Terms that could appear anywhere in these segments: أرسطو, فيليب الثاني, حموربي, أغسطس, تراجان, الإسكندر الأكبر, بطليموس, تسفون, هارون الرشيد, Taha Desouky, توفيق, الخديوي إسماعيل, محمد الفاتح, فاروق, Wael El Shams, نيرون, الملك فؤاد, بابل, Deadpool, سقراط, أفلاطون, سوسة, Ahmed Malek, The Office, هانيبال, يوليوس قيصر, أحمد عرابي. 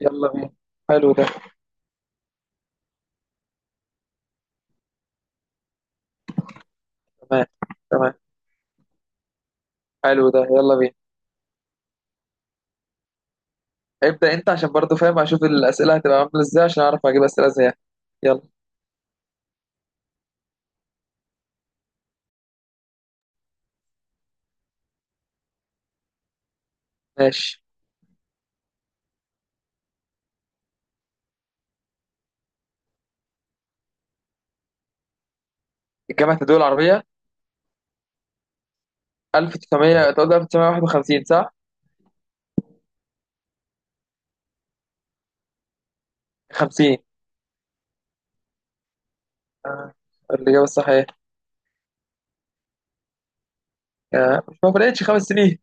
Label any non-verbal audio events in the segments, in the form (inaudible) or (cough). يلا بينا. حلو ده. تمام تمام. حلو ده، يلا بينا. ابدأ انت عشان برضو فاهم اشوف الأسئلة هتبقى عاملة ازاي عشان اعرف اجيب أسئلة زيها. يلا. ماشي. الجامعة الدول العربية 1900، تقول 1951 صح؟ 50. آه، الإجابة الصحيحة. آه، مش ما فرقتش 5 سنين؟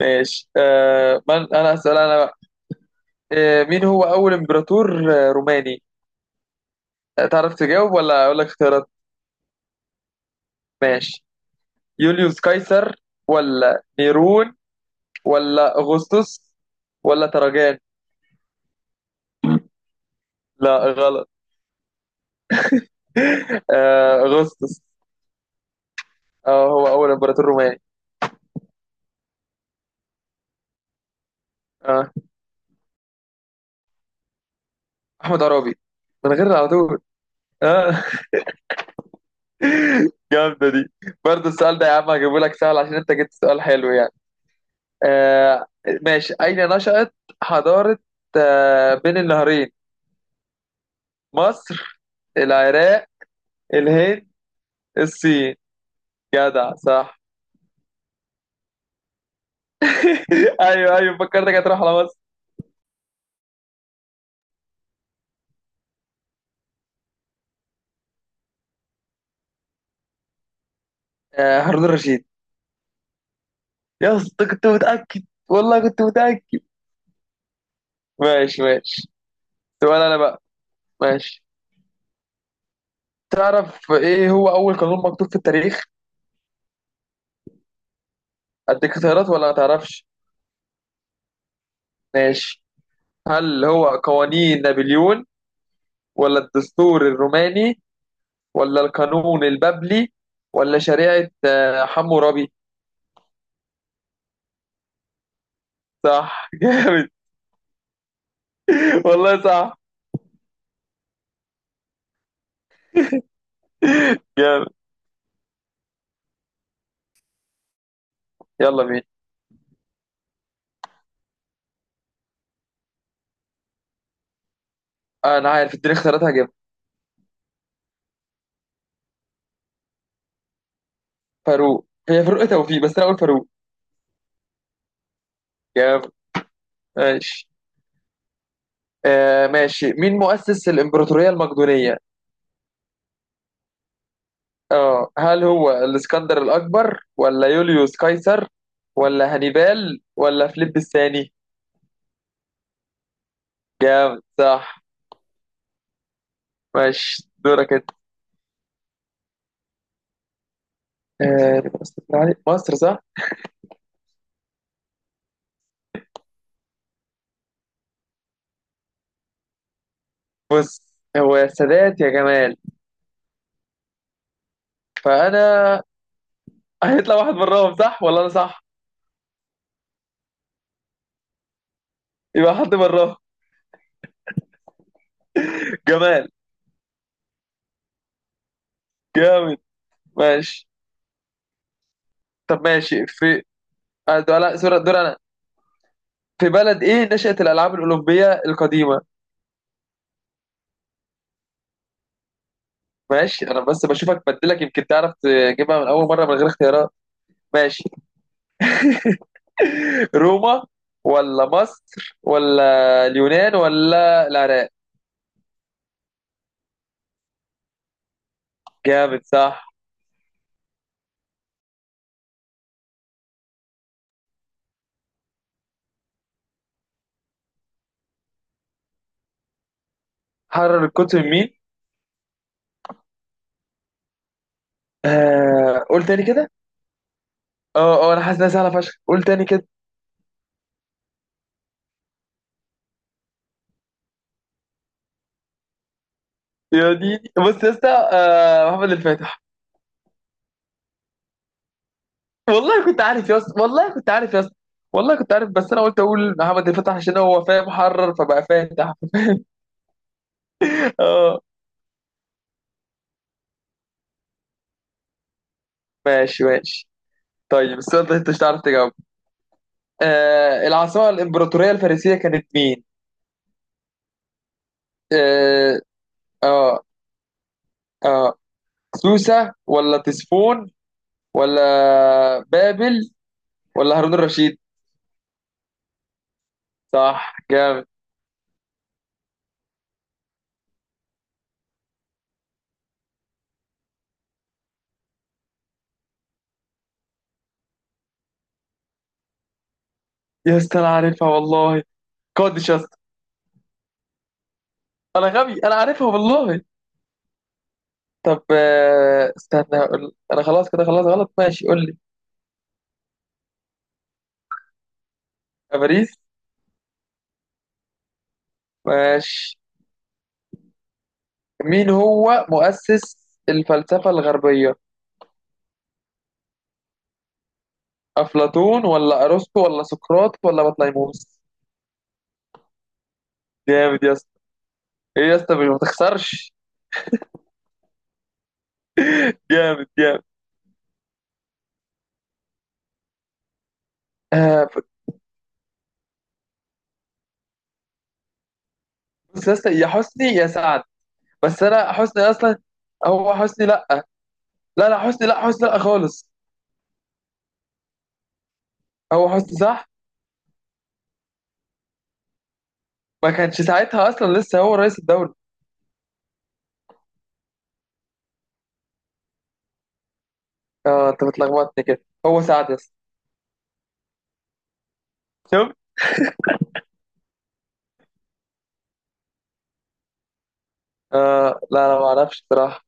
ماشي. من انا أسأل انا بقى. مين هو اول امبراطور روماني. تعرف تجاوب ولا اقول لك اختيارات؟ ماشي. يوليوس قيصر ولا نيرون ولا أغسطس ولا تراجان. لا غلط. (laughs) أغسطس. اه هو أول إمبراطور روماني. اه أحمد عرابي. من غير على طول. اه. (laughs) جامدة دي. برضه السؤال ده يا عم هجيبه لك سهل عشان أنت جبت سؤال حلو يعني. آه. ماشي. أين نشأت حضارة بين النهرين؟ مصر، العراق، الهند، الصين. جدع صح. (laughs) ايوه ايوه، فكرتك هتروح على مصر. آه هارون الرشيد. يا اسطى كنت متأكد، والله كنت متأكد. ماشي ماشي. سؤال انا بقى. ماشي. تعرف ايه هو اول قانون مكتوب في التاريخ؟ اديك اختيارات ولا ما تعرفش؟ ماشي. هل هو قوانين نابليون ولا الدستور الروماني ولا القانون البابلي ولا شريعة حموربي؟ صح. (laughs) جامد. والله صح. جامد. يلا مين؟ انا عارف، اديني اختيارات هجيبها. فاروق، هي فاروق إيه توفيق، بس انا اقول فاروق. جامد. ماشي. آه، ماشي. مين مؤسس الإمبراطورية المقدونية؟ اه هل هو الإسكندر الأكبر ولا يوليوس قيصر ولا هانيبال ولا فيليب الثاني؟ جامد صح. ماشي دورك انت. آه دي مصر مصر، صح؟ بص هو يا سادات يا جمال. فأنا... (laughs) هيطلع واحد براهم صح ولا أنا صح؟ يبقى حد براهم. جمال. جامد. ماشي. طب ماشي في. آه، دور دور أنا. في بلد إيه نشأت الألعاب الأولمبية القديمة؟ ماشي انا بس بشوفك بدلك يمكن تعرف تجيبها من اول مره من غير اختيارات. ماشي. روما ولا مصر ولا اليونان ولا العراق. جامد صح. حرر القطب مين؟ آه قول تاني كده. اه اه انا حاسس انها سهله فشخ، قول تاني كده. يا ديني بص يا اسطى، آه محمد الفاتح. والله كنت عارف يا اسطى، والله كنت عارف يا اسطى، والله كنت عارف، بس انا قلت اقول محمد الفاتح عشان هو فاهم حرر فبقى فاتح. (laughs) اه. ماشي ماشي. طيب السؤال ده انت مش هتعرف تجاوبه. آه، العاصمة الإمبراطورية الفارسية كانت مين؟ آه. آه. آه سوسة ولا تسفون ولا بابل ولا هارون الرشيد؟ صح جامد. يا اسطى أنا عارفها والله. قادش يا اسطى. أنا غبي، أنا عارفها والله. طب استنى أقول، أنا خلاص كده خلاص غلط. ماشي قول لي. باريس. ماشي. مين هو مؤسس الفلسفة الغربية؟ أفلاطون ولا أرسطو ولا سقراط ولا بطليموس؟ جامد يا. ايه يا اسطى، مش ما تخسرش. جامد جامد. آه، بص يا اسطى يا حسني يا سعد. بس انا حسني اصلا. هو حسني لا. لا لا حسني لا حسني لا خالص. هو حسني صح. ما كانش ساعتها اصلا لسه هو رئيس الدوري. اه انت بتلخبطني كده، هو سعد يا اسطى. شوف. آه لا انا ما اعرفش بصراحه.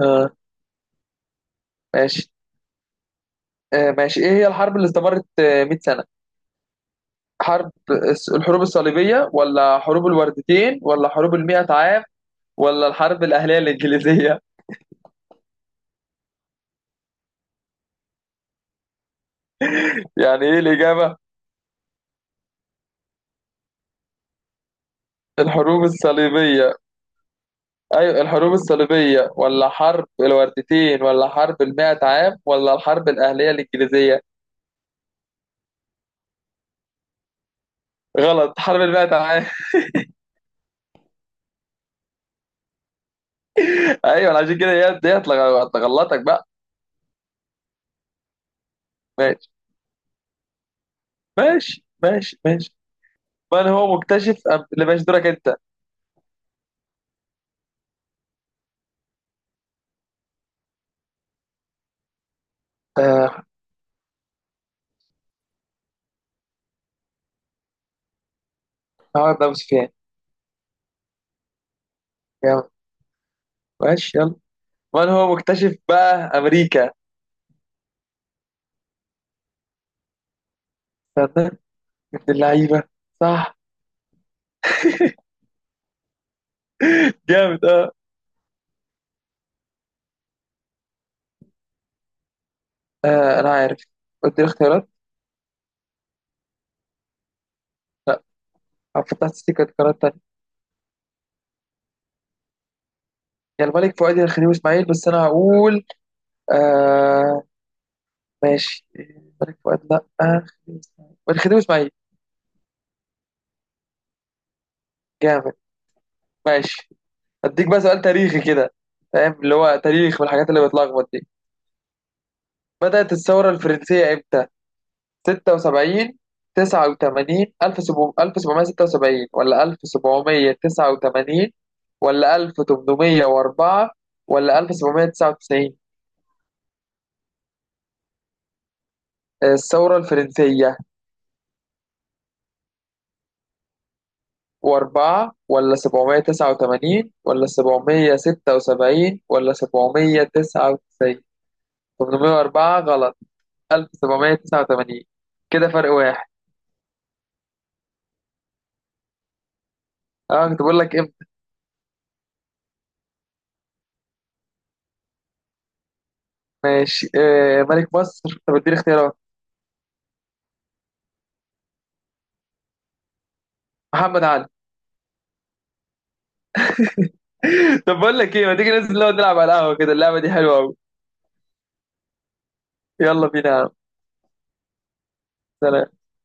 آه. ماشي. آه ماشي. ايه هي الحرب اللي استمرت 100 سنه؟ حرب الحروب الصليبيه ولا حروب الوردتين ولا حروب ال 100 عام ولا الحرب الاهليه الانجليزيه؟ (laughs) يعني ايه الاجابه؟ الحروب الصليبية. أيوة، الحروب الصليبية ولا حرب الوردتين ولا حرب المائة عام ولا الحرب الأهلية الإنجليزية؟ غلط، حرب المائة عام. (laughs) أيوة عشان كده هي ديت تغلطك بقى. ماشي ماشي ماشي ماشي. من هو مكتشف اللي، ماشي دورك أنت. آه. هقعد أبو سفيان. يلا ماشي يلا. من هو مكتشف بقى أمريكا؟ استنى. ابن اللعيبة. صح. (laughs) جامد اه. آه، أنا عارف. قلت لي اختيارات. أو فتحت ستيكر اختيارات. يا الملك فؤاد يا الخديوي اسماعيل، بس انا هقول. آه ماشي، الملك فؤاد لا. آه خديوي اسماعيل، الخديوي اسماعيل. جامد. ماشي. اديك بقى سؤال تاريخي كده، فاهم اللي هو تاريخ والحاجات اللي بتلخبط دي. بدأت الثورة الفرنسية امتى؟ 76 89 1776 ولا 1789 ولا 1804 ولا 1799؟ الثورة الفرنسية. وأربعة ولا 789 ولا 776 ولا 799. 804 غلط. 1789. كده فرق واحد. أه كنت بقول لك إمتى. ماشي. آه ملك مصر، طب اديني اختيارات. محمد علي. (laughs) طب بقول لك إيه، ما تيجي ننزل نقعد نلعب على القهوة كده، اللعبة دي حلوة أوي. يلا بينا يا عم. سلام.